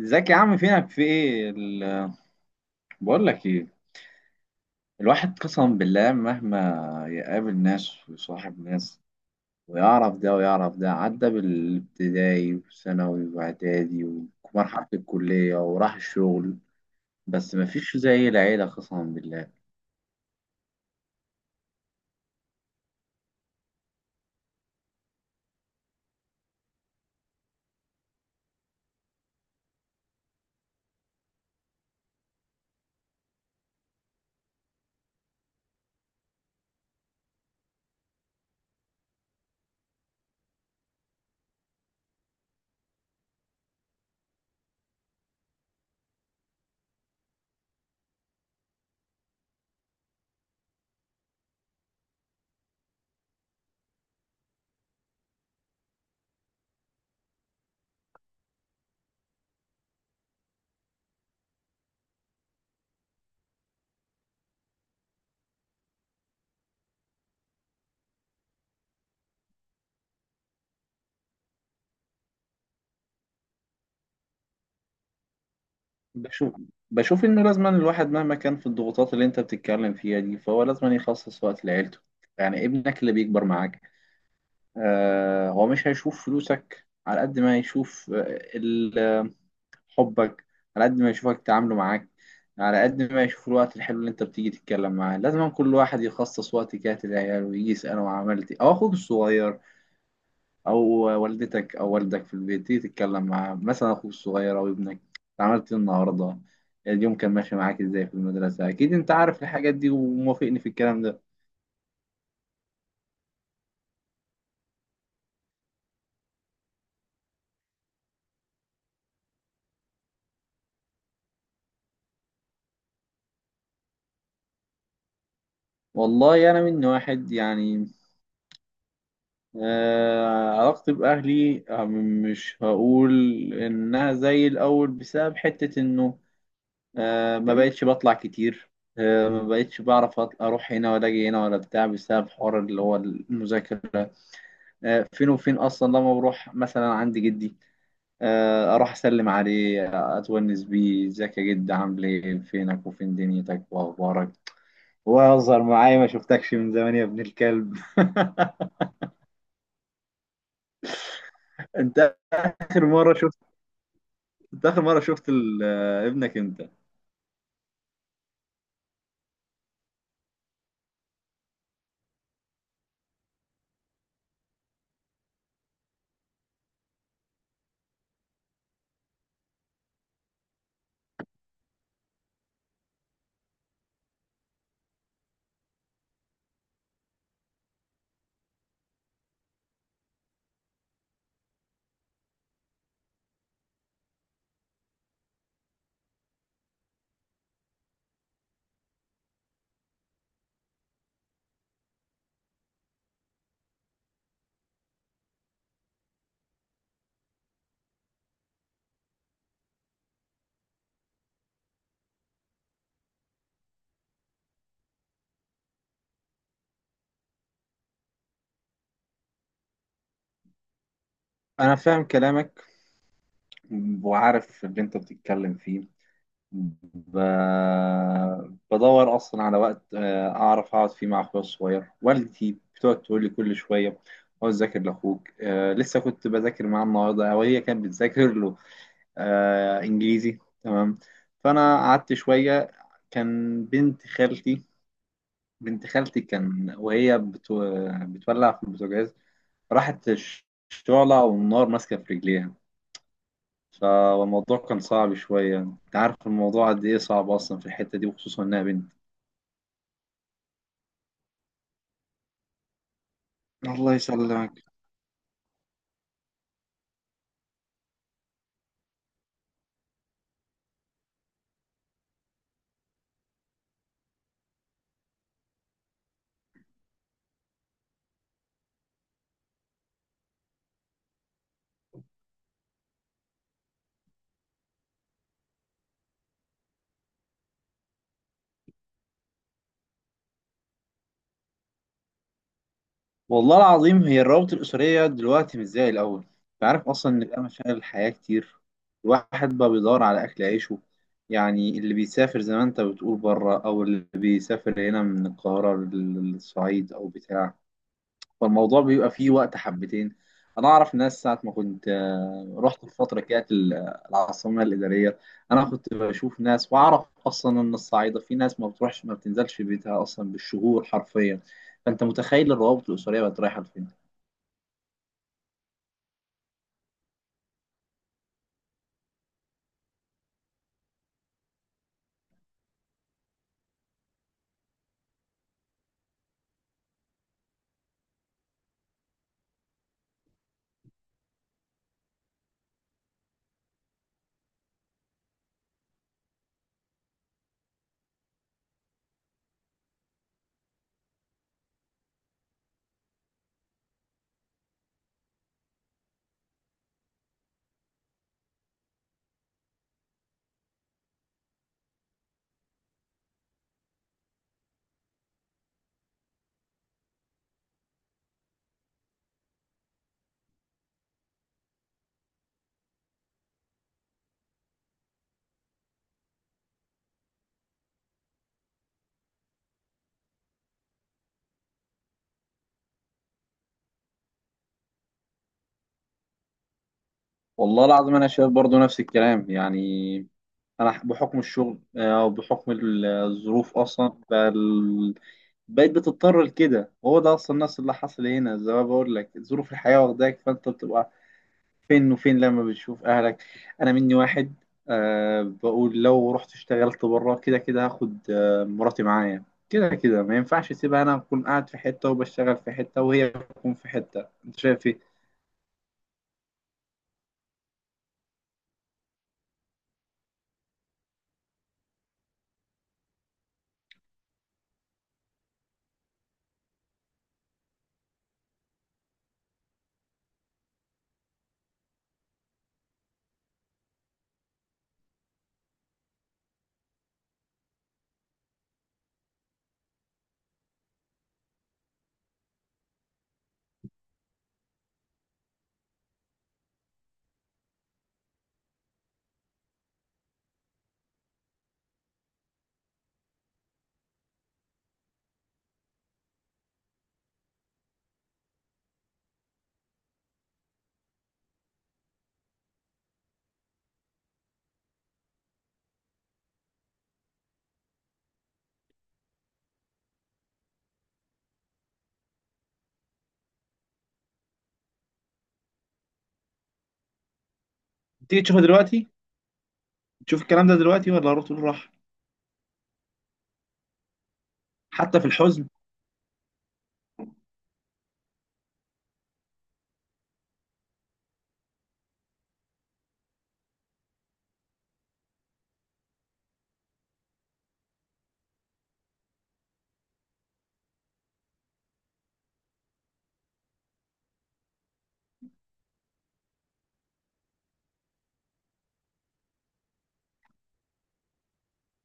ازيك يا عم؟ فينك؟ في ايه بقول لك ايه. الواحد قسما بالله مهما يقابل ناس ويصاحب ناس ويعرف ده ويعرف ده، عدى بالابتدائي وثانوي واعدادي ومرحلة الكلية وراح الشغل، بس مفيش زي العيلة قسما بالله. بشوف بشوف انه لازما الواحد مهما كان في الضغوطات اللي انت بتتكلم فيها دي، فهو لازما يخصص وقت لعيلته. يعني ابنك اللي بيكبر معاك، آه هو مش هيشوف فلوسك على قد ما هيشوف آه، ال حبك، على قد ما يشوفك تعامله معاك، على قد ما يشوف الوقت الحلو اللي انت بتيجي تتكلم معاه. لازم كل واحد يخصص وقت كده للعيال، ويجي يسأله عملت ايه، او اخوك الصغير او والدتك او والدك في البيت تيجي تتكلم معاه. مثلا اخوك الصغير او ابنك، عملت ايه النهارده، اليوم كان ماشي معاك ازاي في المدرسة. اكيد انت عارف الحاجات دي وموافقني في الكلام ده. والله انا من واحد، يعني علاقتي بأهلي مش هقول إنها زي الأول، بسبب حتة إنه ما بقتش بطلع كتير، ما بقتش بعرف اروح هنا ولا اجي هنا ولا بتاع، بسبب حوار اللي هو المذاكره. فين وفين اصلا. لما بروح مثلا عند جدي، اروح اسلم عليه، اتونس بيه. ازيك يا جد، عامل ايه، فينك وفين دنيتك واخبارك، واظهر معايا، ما شفتكش من زمان يا ابن الكلب. انت اخر مره شفت، انت اخر مره شفت ابنك امتى؟ انا فاهم كلامك وعارف اللي انت بتتكلم فيه. ب... بدور اصلا على وقت اعرف اقعد فيه مع اخويا الصغير. والدتي بتقعد تقول لي كل شويه، اقعد ذاكر لاخوك. لسه كنت بذاكر معاه النهارده، او هي كانت بتذاكر له انجليزي، تمام. فانا قعدت شويه. كان بنت خالتي، بنت خالتي كان وهي بتولع في البوتاجاز، راحت الشعلة والنار ماسكة في رجليها. فالموضوع كان صعب شوية، انت عارف الموضوع قد ايه صعب اصلا في الحتة دي، وخصوصا انها بنت. والله العظيم هي الروابط الأسرية دلوقتي مش زي الأول. انت عارف اصلا ان بقى مشاغل الحياة كتير، الواحد بقى بيدور على أكل عيشه. يعني اللي بيسافر زي ما انت بتقول بره، او اللي بيسافر هنا من القاهرة للصعيد او بتاع، فالموضوع بيبقى فيه وقت حبتين. انا اعرف ناس ساعه ما كنت رحت في فتره، كانت العاصمه الاداريه، انا كنت بشوف ناس واعرف اصلا ان الصعيده في ناس ما بتروحش، ما بتنزلش بيتها اصلا بالشهور حرفيا. فانت متخيل الروابط الاسريه بقت رايحه لفين. والله العظيم انا شايف برضو نفس الكلام يعني. انا بحكم الشغل وبحكم الظروف اصلا بقيت بتضطر لكده. هو ده اصلا الناس اللي حصل، هنا زي ما بقول لك ظروف الحياه واخداك، فانت بتبقى فين وفين لما بتشوف أهلك. أنا مني واحد، أه بقول لو رحت اشتغلت بره، كده كده هاخد مراتي معايا. كده كده ما ينفعش اسيبها، أنا أكون قاعد في حتة وبشتغل في حتة وهي تكون في حتة. أنت شايف إيه؟ تيجي تشوفها دلوقتي، تشوف الكلام ده دلوقتي، ولا روح تقول راح. حتى في الحزن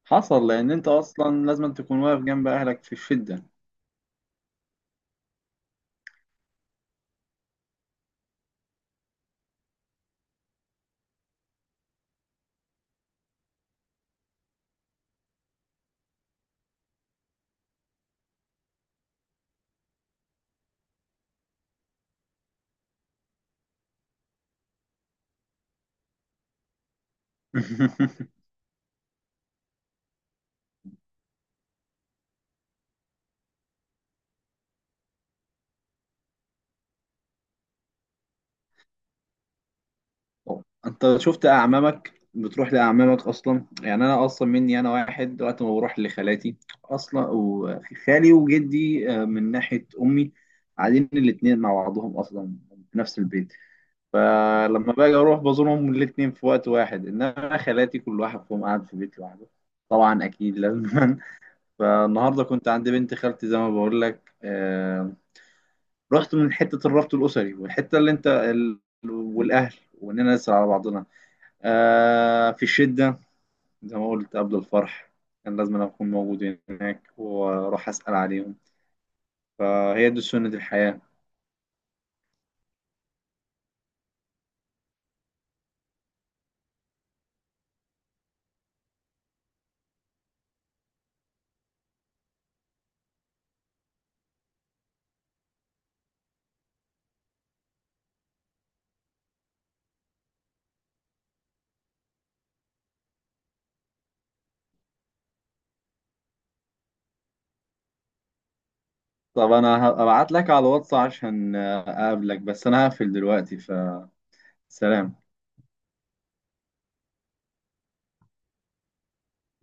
حصل. لأن أنت أصلا لازم تكون واقف جنب أهلك في الشدة. انت شفت اعمامك بتروح لاعمامك اصلا؟ يعني انا اصلا مني انا واحد، وقت ما بروح لخالاتي اصلا، وخالي وجدي من ناحيه امي قاعدين الاثنين مع بعضهم اصلا في نفس البيت. فلما باجي اروح بزورهم الاثنين في وقت واحد. انما خالاتي كل واحد فيهم قاعد في بيت لوحده، طبعا اكيد لازم. فالنهارده كنت عند بنت خالتي، زي ما بقول لك. رحت من حته الربط الاسري، والحته اللي انت والاهل، واننا نسأل على بعضنا آه في الشدة. زي ما قلت، قبل الفرح كان لازم أنا أكون موجود هناك وأروح أسأل عليهم. فهي دي سنة الحياة. طب أنا هبعت لك على الواتس عشان أقابلك، بس أنا هقفل دلوقتي، فسلام.